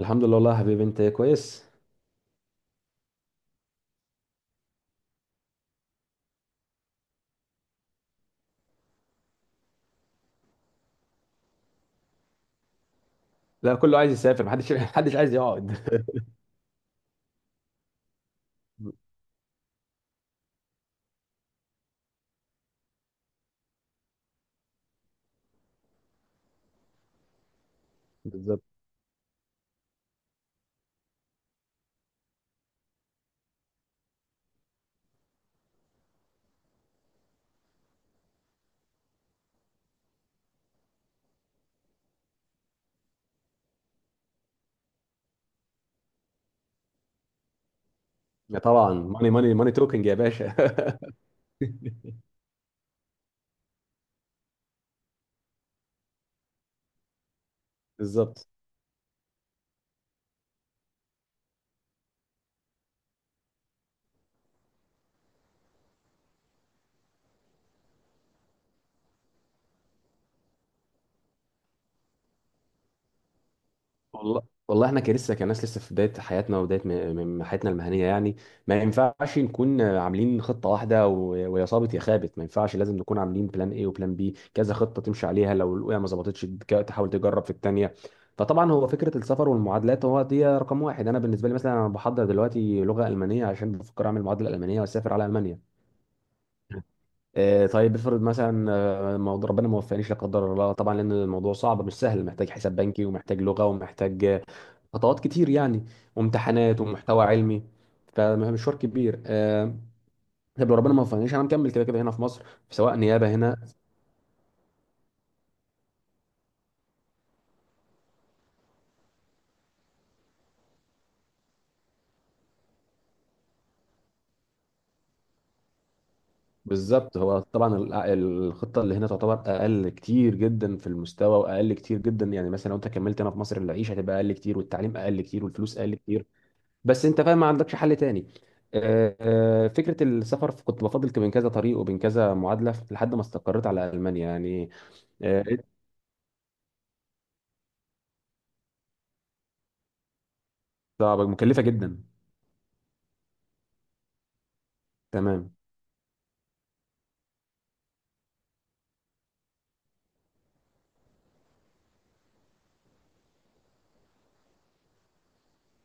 الحمد لله، والله يا حبيبي. انت كويس. لا، كله عايز يسافر، محدش محدش عايز يقعد. بالظبط. طبعا ماني ماني ماني توكينج يا باشا بالظبط. والله والله احنا كلسه كناس لسه في بدايه حياتنا، وبدايه حياتنا المهنيه، يعني ما ينفعش نكون عاملين خطه واحده ويا صابت يا خابت. ما ينفعش، لازم نكون عاملين بلان ايه وبلان بي، كذا خطه تمشي عليها، لو الاولى ما ظبطتش تحاول تجرب في الثانيه. فطبعا هو فكره السفر والمعادلات هو دي رقم واحد. انا بالنسبه لي مثلا، انا بحضر دلوقتي لغه المانيه عشان بفكر اعمل معادله المانيه واسافر على المانيا. طيب، افرض مثلا موضوع ربنا ما وفقنيش لا قدر الله، طبعا لان الموضوع صعب مش سهل، محتاج حساب بنكي، ومحتاج لغه، ومحتاج خطوات كتير يعني، وامتحانات ومحتوى علمي. فمشوار كبير. طب لو ربنا ما وفقنيش، انا مكمل كده كده هنا في مصر، سواء نيابه هنا. بالظبط. هو طبعا الخطه اللي هنا تعتبر اقل كتير جدا في المستوى، واقل كتير جدا، يعني مثلا لو انت كملت هنا في مصر، العيشه هتبقى اقل كتير، والتعليم اقل كتير، والفلوس اقل كتير، بس انت فاهم ما عندكش حل تاني. فكره السفر، كنت بفضل بين كذا طريق وبين كذا معادله لحد ما استقريت على المانيا يعني. آه، طب مكلفه جدا. تمام.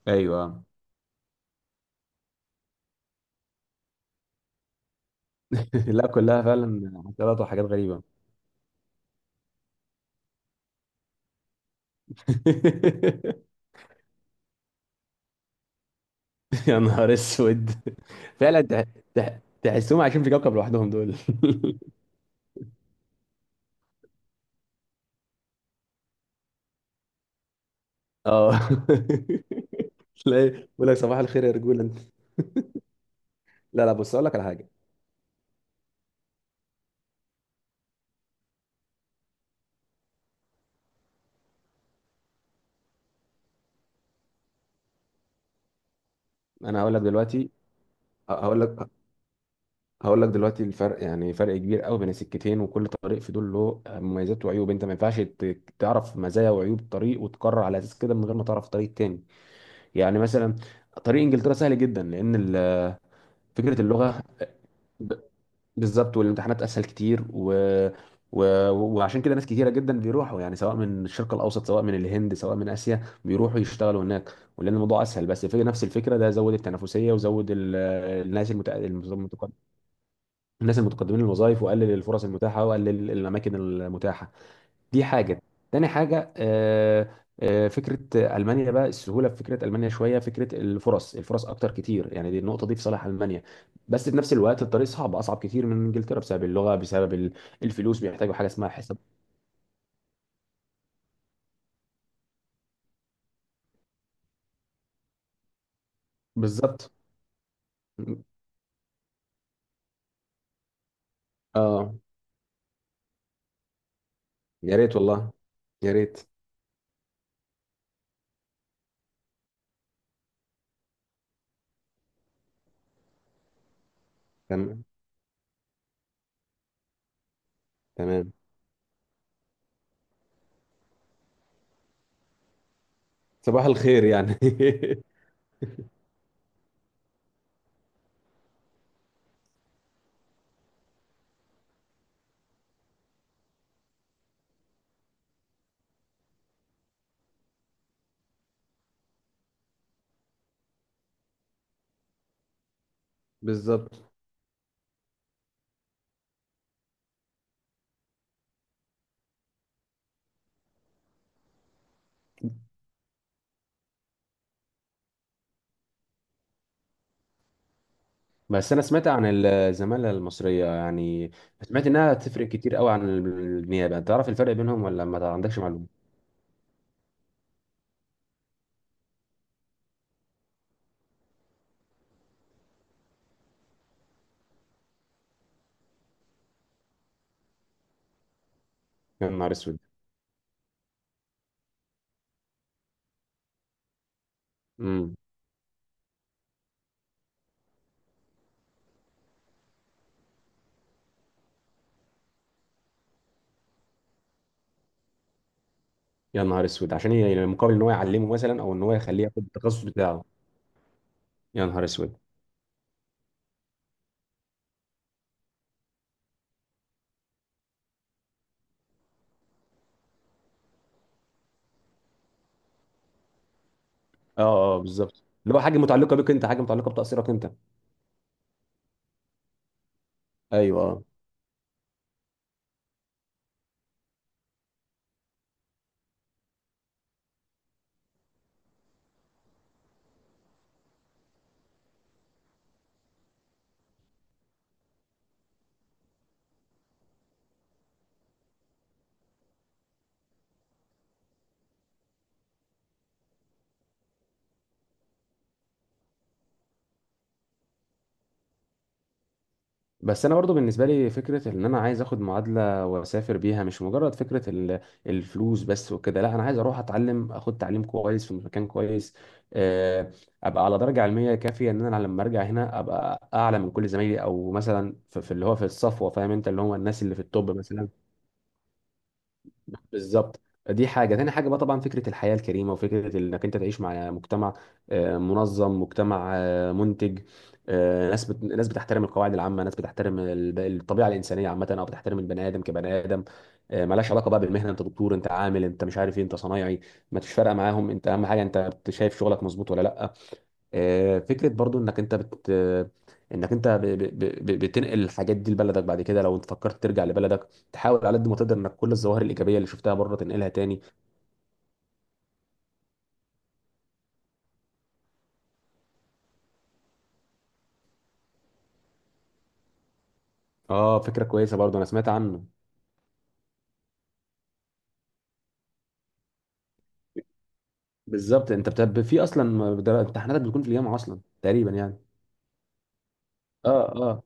ايوه. لا، كلها فعلا عطلات وحاجات غريبه يا نهار اسود. فعلا تحسهم عايشين في كوكب لوحدهم دول. اه تلاقي يقول لك صباح الخير يا رجوله. لا لا، بص، اقول لك على حاجه. انا هقول لك دلوقتي. هقول لك هقول لك دلوقتي الفرق، يعني فرق كبير قوي بين السكتين، وكل طريق في دول له مميزات وعيوب. انت ما ينفعش تعرف مزايا وعيوب طريق وتقرر على اساس كده من غير ما تعرف طريق تاني. يعني مثلا طريق انجلترا سهل جدا، لان فكره اللغه. ب- بالظبط، والامتحانات اسهل كتير، و... وعشان كده ناس كتيره جدا بيروحوا، يعني سواء من الشرق الاوسط، سواء من الهند، سواء من اسيا، بيروحوا يشتغلوا هناك، ولان الموضوع اسهل. بس في نفس الفكره، ده زود التنافسيه، وزود الناس المتق... الناس المتقدمين للوظائف، واقلل الفرص المتاحه، واقلل الاماكن المتاحه. دي حاجه. تاني حاجه، فكره المانيا بقى، السهوله في فكره المانيا شويه، فكره الفرص اكتر كتير، يعني دي النقطه دي في صالح المانيا. بس في نفس الوقت، الطريق صعب، اصعب كتير من انجلترا، بسبب اللغه، بسبب الفلوس، بيحتاجوا حاجه اسمها حساب. بالظبط. اه. يا ريت والله، يا ريت. تمام. تمام. صباح الخير يعني بالظبط. بس انا سمعت عن الزمالة المصرية يعني، سمعت انها تفرق كتير قوي عن النيابة. انت تعرف الفرق بينهم ولا ما عندكش معلومة؟ يا نهار اسود. امم. يا نهار اسود، عشان يعني مقابل ان هو يعلمه مثلا، او ان هو يخليه ياخد التخصص بتاعه. يا نهار اسود. اه اه، بالظبط، اللي هو حاجة متعلقة بيك انت، حاجة متعلقة بتقصيرك انت. ايوه، اه. بس انا برضو بالنسبه لي، فكره ان انا عايز اخد معادله واسافر بيها مش مجرد فكره الفلوس بس وكده. لا، انا عايز اروح اتعلم، اخد تعليم كويس في مكان كويس، آه، ابقى على درجه علميه كافيه، ان انا لما ارجع هنا ابقى اعلى من كل زمايلي، او مثلا في اللي هو في الصفوه، فاهم انت، اللي هم الناس اللي في التوب مثلا. بالظبط. دي حاجة. تاني حاجة بقى طبعا فكرة الحياة الكريمة، وفكرة انك انت تعيش مع مجتمع منظم، مجتمع منتج، ناس بتحترم القواعد العامة، ناس بتحترم الطبيعة الإنسانية عامة، أو بتحترم البني آدم كبني آدم. ملهاش علاقة بقى بالمهنة، انت دكتور، انت عامل، انت مش عارف ايه، انت صنايعي، ما فيش فارقة معاهم. انت أهم حاجة انت شايف شغلك مظبوط ولا لا. فكره برضو انك انت ب... بتنقل الحاجات دي لبلدك بعد كده، لو انت فكرت ترجع لبلدك، تحاول على قد ما تقدر انك كل الظواهر الايجابيه اللي شفتها بره تنقلها تاني. اه، فكره كويسه، برضو انا سمعت عنه. بالظبط، في اصلا امتحاناتك بتكون في الجامعه اصلا تقريبا يعني. اه اه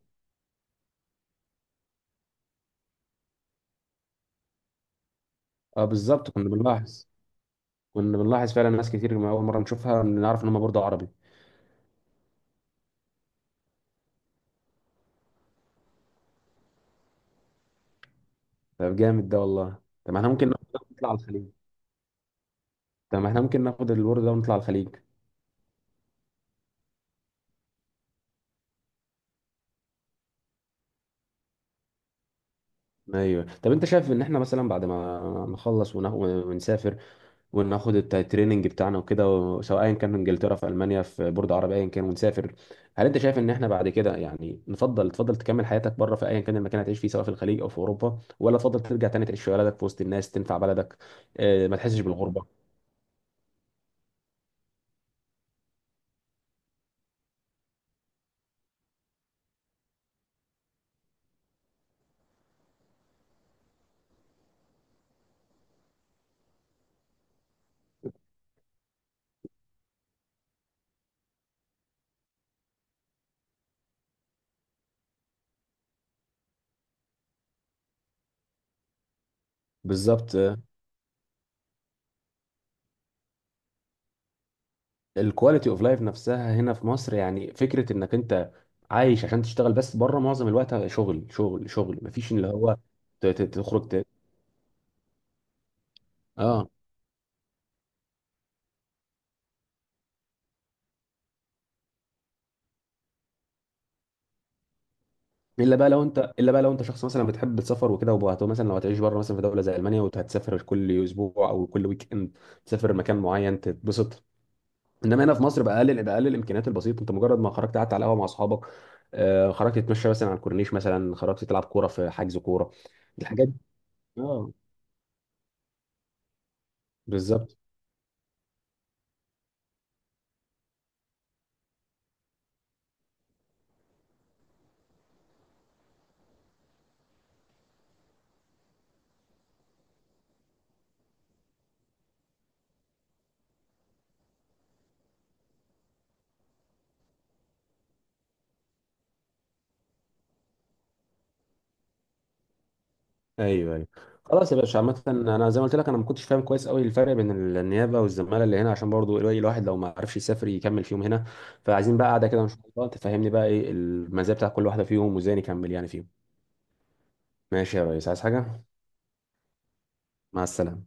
اه. بالظبط. كنا بنلاحظ فعلا ناس كتير، ما اول مره نشوفها نعرف ان هم برضو عربي. طب جامد ده والله. طب احنا ممكن ناخد ده ونطلع على الخليج. طب احنا ممكن ناخد الورد ده ونطلع على الخليج. ايوه. طب انت شايف ان احنا مثلا بعد ما نخلص ونسافر، وناخد التريننج بتاعنا وكده، سواء كان في انجلترا، في المانيا، في بورد عربي، ايا كان، ونسافر، هل انت شايف ان احنا بعد كده، يعني تفضل تكمل حياتك بره في ايا كان المكان اللي هتعيش فيه، سواء في الخليج او في اوروبا، ولا تفضل ترجع تاني تعيش في بلدك في وسط الناس تنفع بلدك؟ ما تحسش بالغربه؟ بالظبط. الكواليتي اوف لايف نفسها هنا في مصر، يعني فكره انك انت عايش عشان تشتغل بس، بره معظم الوقت شغل شغل شغل، مفيش اللي هو تخرج. اه. الا بقى لو انت شخص مثلا بتحب السفر وكده، مثلا لو هتعيش بره مثلا في دوله زي المانيا، وهتسافر كل اسبوع او كل ويك اند تسافر مكان معين تتبسط. انما هنا في مصر باقل الامكانيات البسيطه، انت مجرد ما خرجت قعدت على قهوه مع اصحابك، خرجت تتمشى مثلا على الكورنيش، مثلا خرجت تلعب كوره في حجز كوره، الحاجات دي. اه. بالظبط. ايوه، ايوه. خلاص يا باشا، عامة انا زي ما قلت لك، انا ما كنتش فاهم كويس قوي الفرق بين النيابة والزمالة اللي هنا، عشان برضو الواحد لو ما عرفش يسافر يكمل فيهم هنا، فعايزين بقى قاعدة كده ان شاء الله تفهمني بقى ايه المزايا بتاع كل واحدة فيهم، وازاي نكمل يعني فيهم. ماشي يا ريس، عايز حاجة؟ مع السلامة.